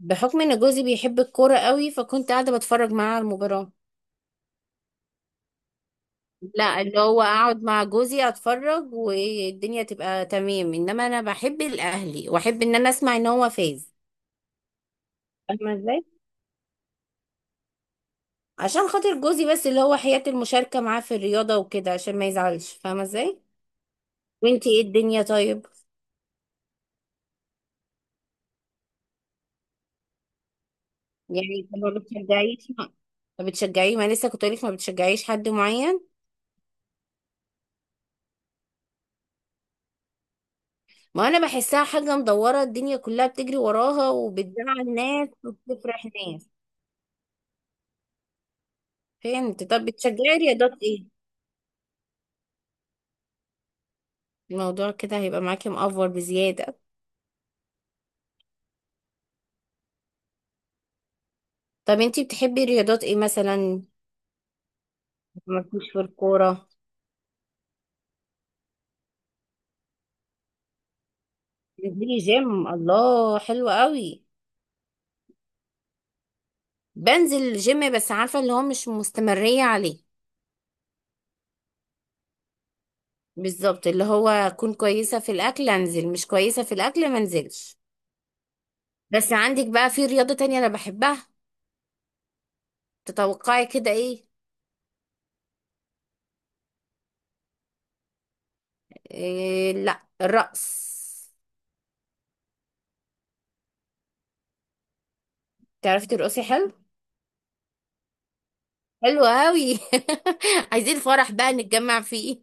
بحكم ان جوزي بيحب الكورة قوي فكنت قاعدة بتفرج معاه على المباراة. لا، اللي هو اقعد مع جوزي اتفرج والدنيا تبقى تمام، انما انا بحب الاهلي واحب ان انا اسمع ان هو فاز. فاهمة ازاي؟ عشان خاطر جوزي بس، اللي هو حياة المشاركة معاه في الرياضة وكده عشان ما يزعلش. فاهمة ازاي؟ وانتي ايه الدنيا طيب؟ يعني انت ما بتشجعيش؟ ما بتشجعيه؟ ما لسه كنت قولك ما بتشجعيش حد معين. ما انا بحسها حاجة مدورة، الدنيا كلها بتجري وراها وبتزعل ناس وبتفرح ناس. فهمت. طب بتشجعي رياضات ايه؟ الموضوع كده هيبقى معاكي مأفور بزيادة. طب انتي بتحبي رياضات ايه مثلا؟ مالكيش في الكورة؟ بتنزلي جيم؟ الله، حلو قوي. بنزل الجيم بس عارفة اللي هو مش مستمرية عليه. بالظبط، اللي هو اكون كويسة في الاكل انزل، مش كويسة في الاكل ما انزلش. بس عندك بقى في رياضة تانية انا بحبها. تتوقعي كده ايه؟ إيه لا، الرقص. تعرفي ترقصي حلو؟ حلو قوي. عايزين فرح بقى نتجمع فيه.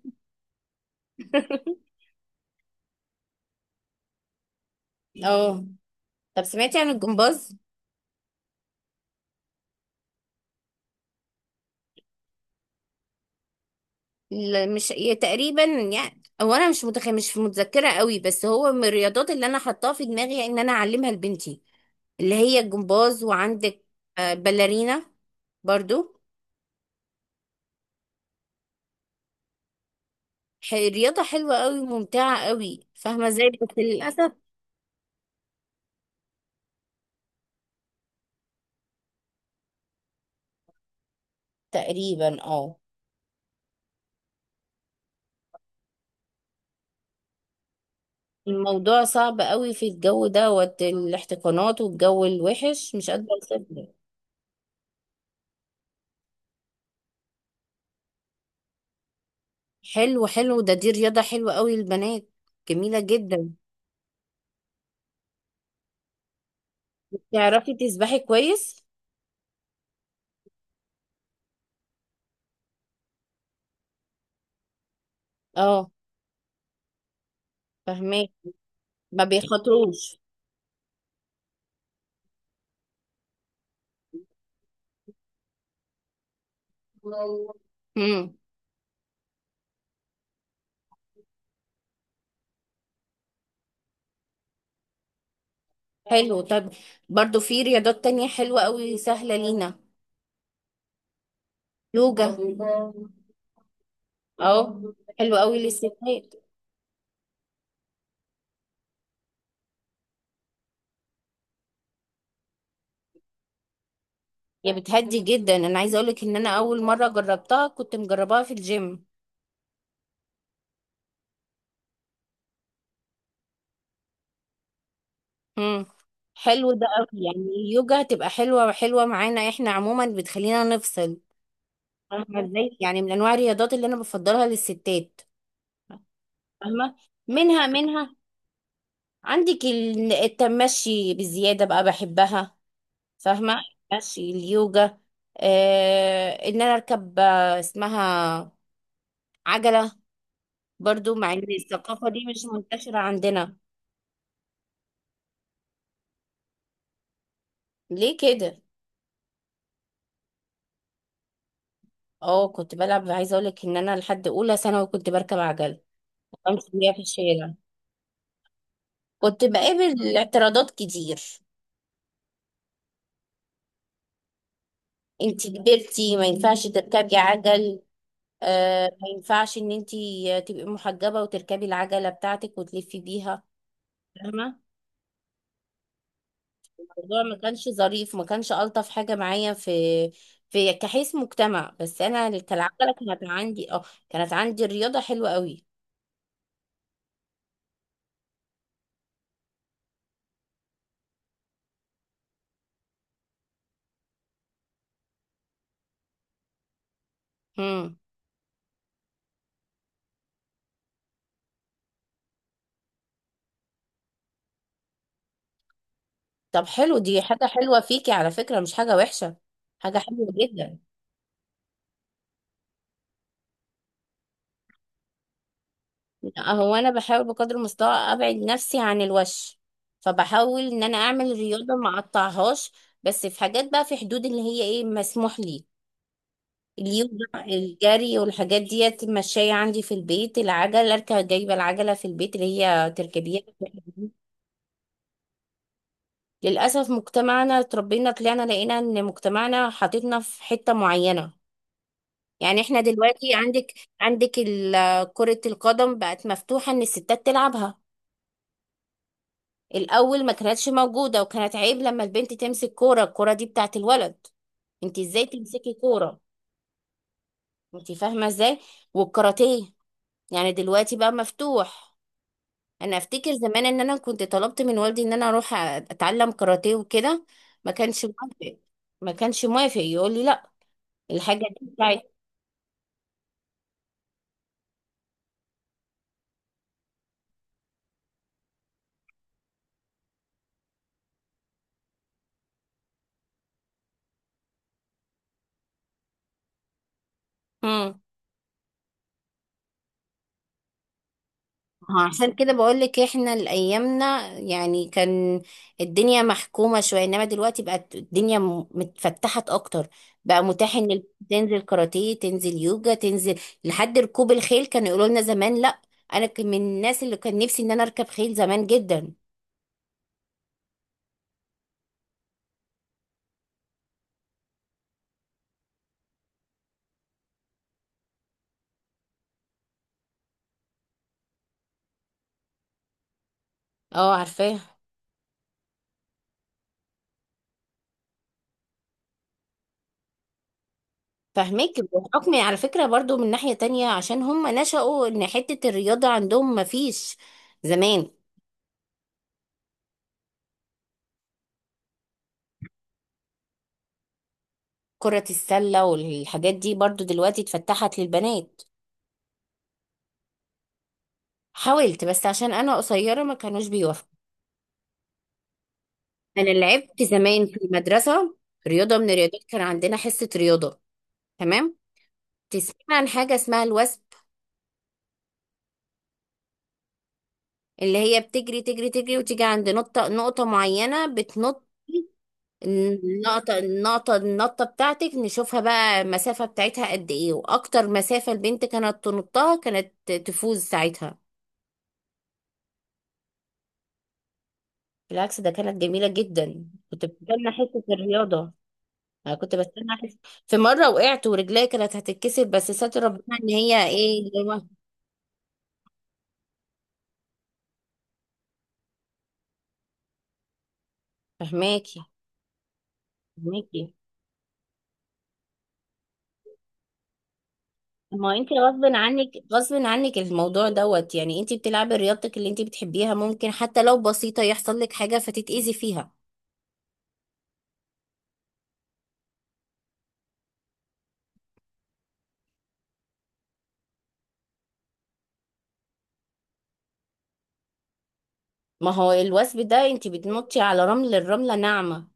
اه. طب سمعتي عن الجمباز؟ لا، مش هي تقريبا، يعني هو انا مش متذكره قوي، بس هو من الرياضات اللي انا حطاها في دماغي، يعني ان انا اعلمها لبنتي، اللي هي الجمباز. وعندك آه، باليرينا برضو. رياضه حلوه قوي، ممتعه قوي، فاهمه ازاي، بس للاسف. تقريبا اه. الموضوع صعب قوي في الجو ده، والاحتقانات والجو الوحش، مش قادره اوصف. حلو حلو، ده دي رياضة حلوة قوي للبنات، جميلة جدا. تعرفي تسبحي كويس؟ اه، فهمك. ما بيخاطروش. امم. حلو طب. برضو في رياضات تانية حلوة قوي سهلة لينا. يوجا. اه، حلو قوي للستات. يا بتهدي جدا. انا عايزه اقولك ان انا اول مره جربتها كنت مجرباها في الجيم. امم. حلو ده قوي، يعني اليوجا هتبقى حلوه حلوه معانا احنا عموما، بتخلينا نفصل. فاهمة ازاي؟ يعني من انواع الرياضات اللي انا بفضلها للستات. فاهمة. منها منها. عندك التمشي بزيادة بقى، بحبها. فاهمة. المشي، اليوجا، آه، ان انا اركب آه، اسمها عجلة، برضو مع ان الثقافة دي مش منتشرة عندنا. ليه كده؟ اه، كنت بلعب. عايزة اقولك ان انا لحد اولى ثانوي كنت بركب عجلة وامشي بيها في الشارع. كنت بقابل اعتراضات كتير. انتي كبرتي ما ينفعش تركبي عجل، آه، ما ينفعش ان انتي تبقي محجبة وتركبي العجلة بتاعتك وتلفي بيها. فاهمة. الموضوع ما كانش ظريف، ما كانش ألطف حاجة معايا في في كحيث مجتمع، بس انا كالعجلة كانت عندي اه، كانت عندي الرياضة حلوة قوي. امم. طب حلو، دي حاجة حلوة فيكي على فكرة، مش حاجة وحشة، حاجة حلوة جدا. هو انا بحاول بقدر المستطاع ابعد نفسي عن الوش، فبحاول ان انا اعمل رياضة ما اقطعهاش، بس في حاجات بقى في حدود اللي هي ايه مسموح لي. اليوجا، الجري، والحاجات ديت ماشية عندي في البيت. العجل اركب، جايبة العجلة في البيت اللي هي تركبيها. للأسف مجتمعنا اتربينا طلعنا لقينا ان مجتمعنا حاططنا في حتة معينة. يعني احنا دلوقتي عندك، عندك كرة القدم بقت مفتوحة ان الستات تلعبها. الأول ما كانتش موجودة وكانت عيب لما البنت تمسك كورة، الكورة دي بتاعت الولد. انت ازاي تمسكي كورة؟ انت فاهمة ازاي؟ والكاراتيه، يعني دلوقتي بقى مفتوح. انا افتكر زمان ان انا كنت طلبت من والدي ان انا اروح اتعلم كاراتيه وكده، ما كانش موافق، ما كانش موافق، يقول لي لا. الحاجه دي بتاعت امم، عشان كده بقول لك احنا الايامنا يعني كان الدنيا محكومه شويه، انما دلوقتي بقت الدنيا متفتحت اكتر. بقى متاح ان تنزل كاراتيه، تنزل يوجا، تنزل لحد ركوب الخيل. كانوا يقولوا لنا زمان لا. انا كان من الناس اللي كان نفسي ان انا اركب خيل زمان جدا. اه عارفاه. فهمك. بحكم على فكرة برضو من ناحية تانية عشان هم نشأوا ان حتة الرياضة عندهم ما فيش زمان. كرة السلة والحاجات دي برضو دلوقتي اتفتحت للبنات. حاولت بس عشان انا قصيرة ما كانوش بيوافقوا. انا لعبت زمان في المدرسة، رياضة من الرياضات، كان عندنا حصة رياضة. تمام. تسمع عن حاجة اسمها الوثب؟ اللي هي بتجري تجري تجري وتيجي عند نقطة، معينة بتنط. النقطة النقطة بتاعتك نشوفها بقى المسافة بتاعتها قد ايه، واكتر مسافة البنت كانت تنطها كانت تفوز ساعتها. بالعكس ده كانت جميلة جدا، كنت بستنى حتة الرياضة. انا كنت بستنى حتة. في مرة وقعت ورجلي كانت هتتكسر، بس ستر ربنا ان هي ايه اللي هو. فهماكي. فهماكي. ما انت غصب عنك، غصب عنك الموضوع دوت، يعني انت بتلعبي رياضتك اللي انت بتحبيها ممكن حتى لو بسيطة يحصل لك حاجة فتتأذي فيها. ما هو الوثب ده انت بتنطي على رمل، الرملة ناعمة،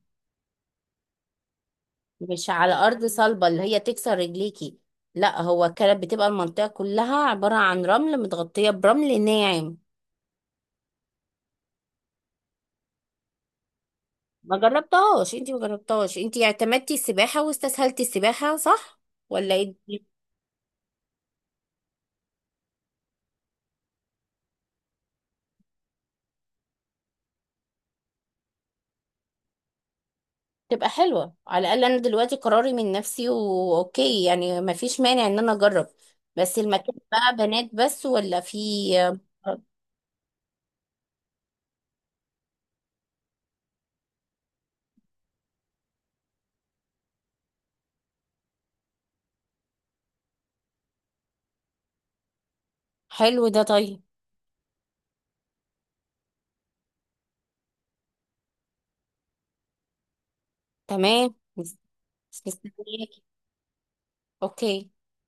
مش على أرض صلبة اللي هي تكسر رجليكي. لا، هو كانت بتبقى المنطقة كلها عبارة عن رمل، متغطية برمل ناعم. ما جربتهاش انت، ما جربتهاش انت، اعتمدتي السباحة واستسهلتي السباحة، صح؟ ولا ايه الدنيا؟ تبقى حلوة، على الأقل أنا دلوقتي قراري من نفسي وأوكي، يعني ما فيش مانع إن أنا أجرب. بس المكان بقى بنات بس ولا في؟ حلو ده، طيب. تمام. مستنياكي. اوكي.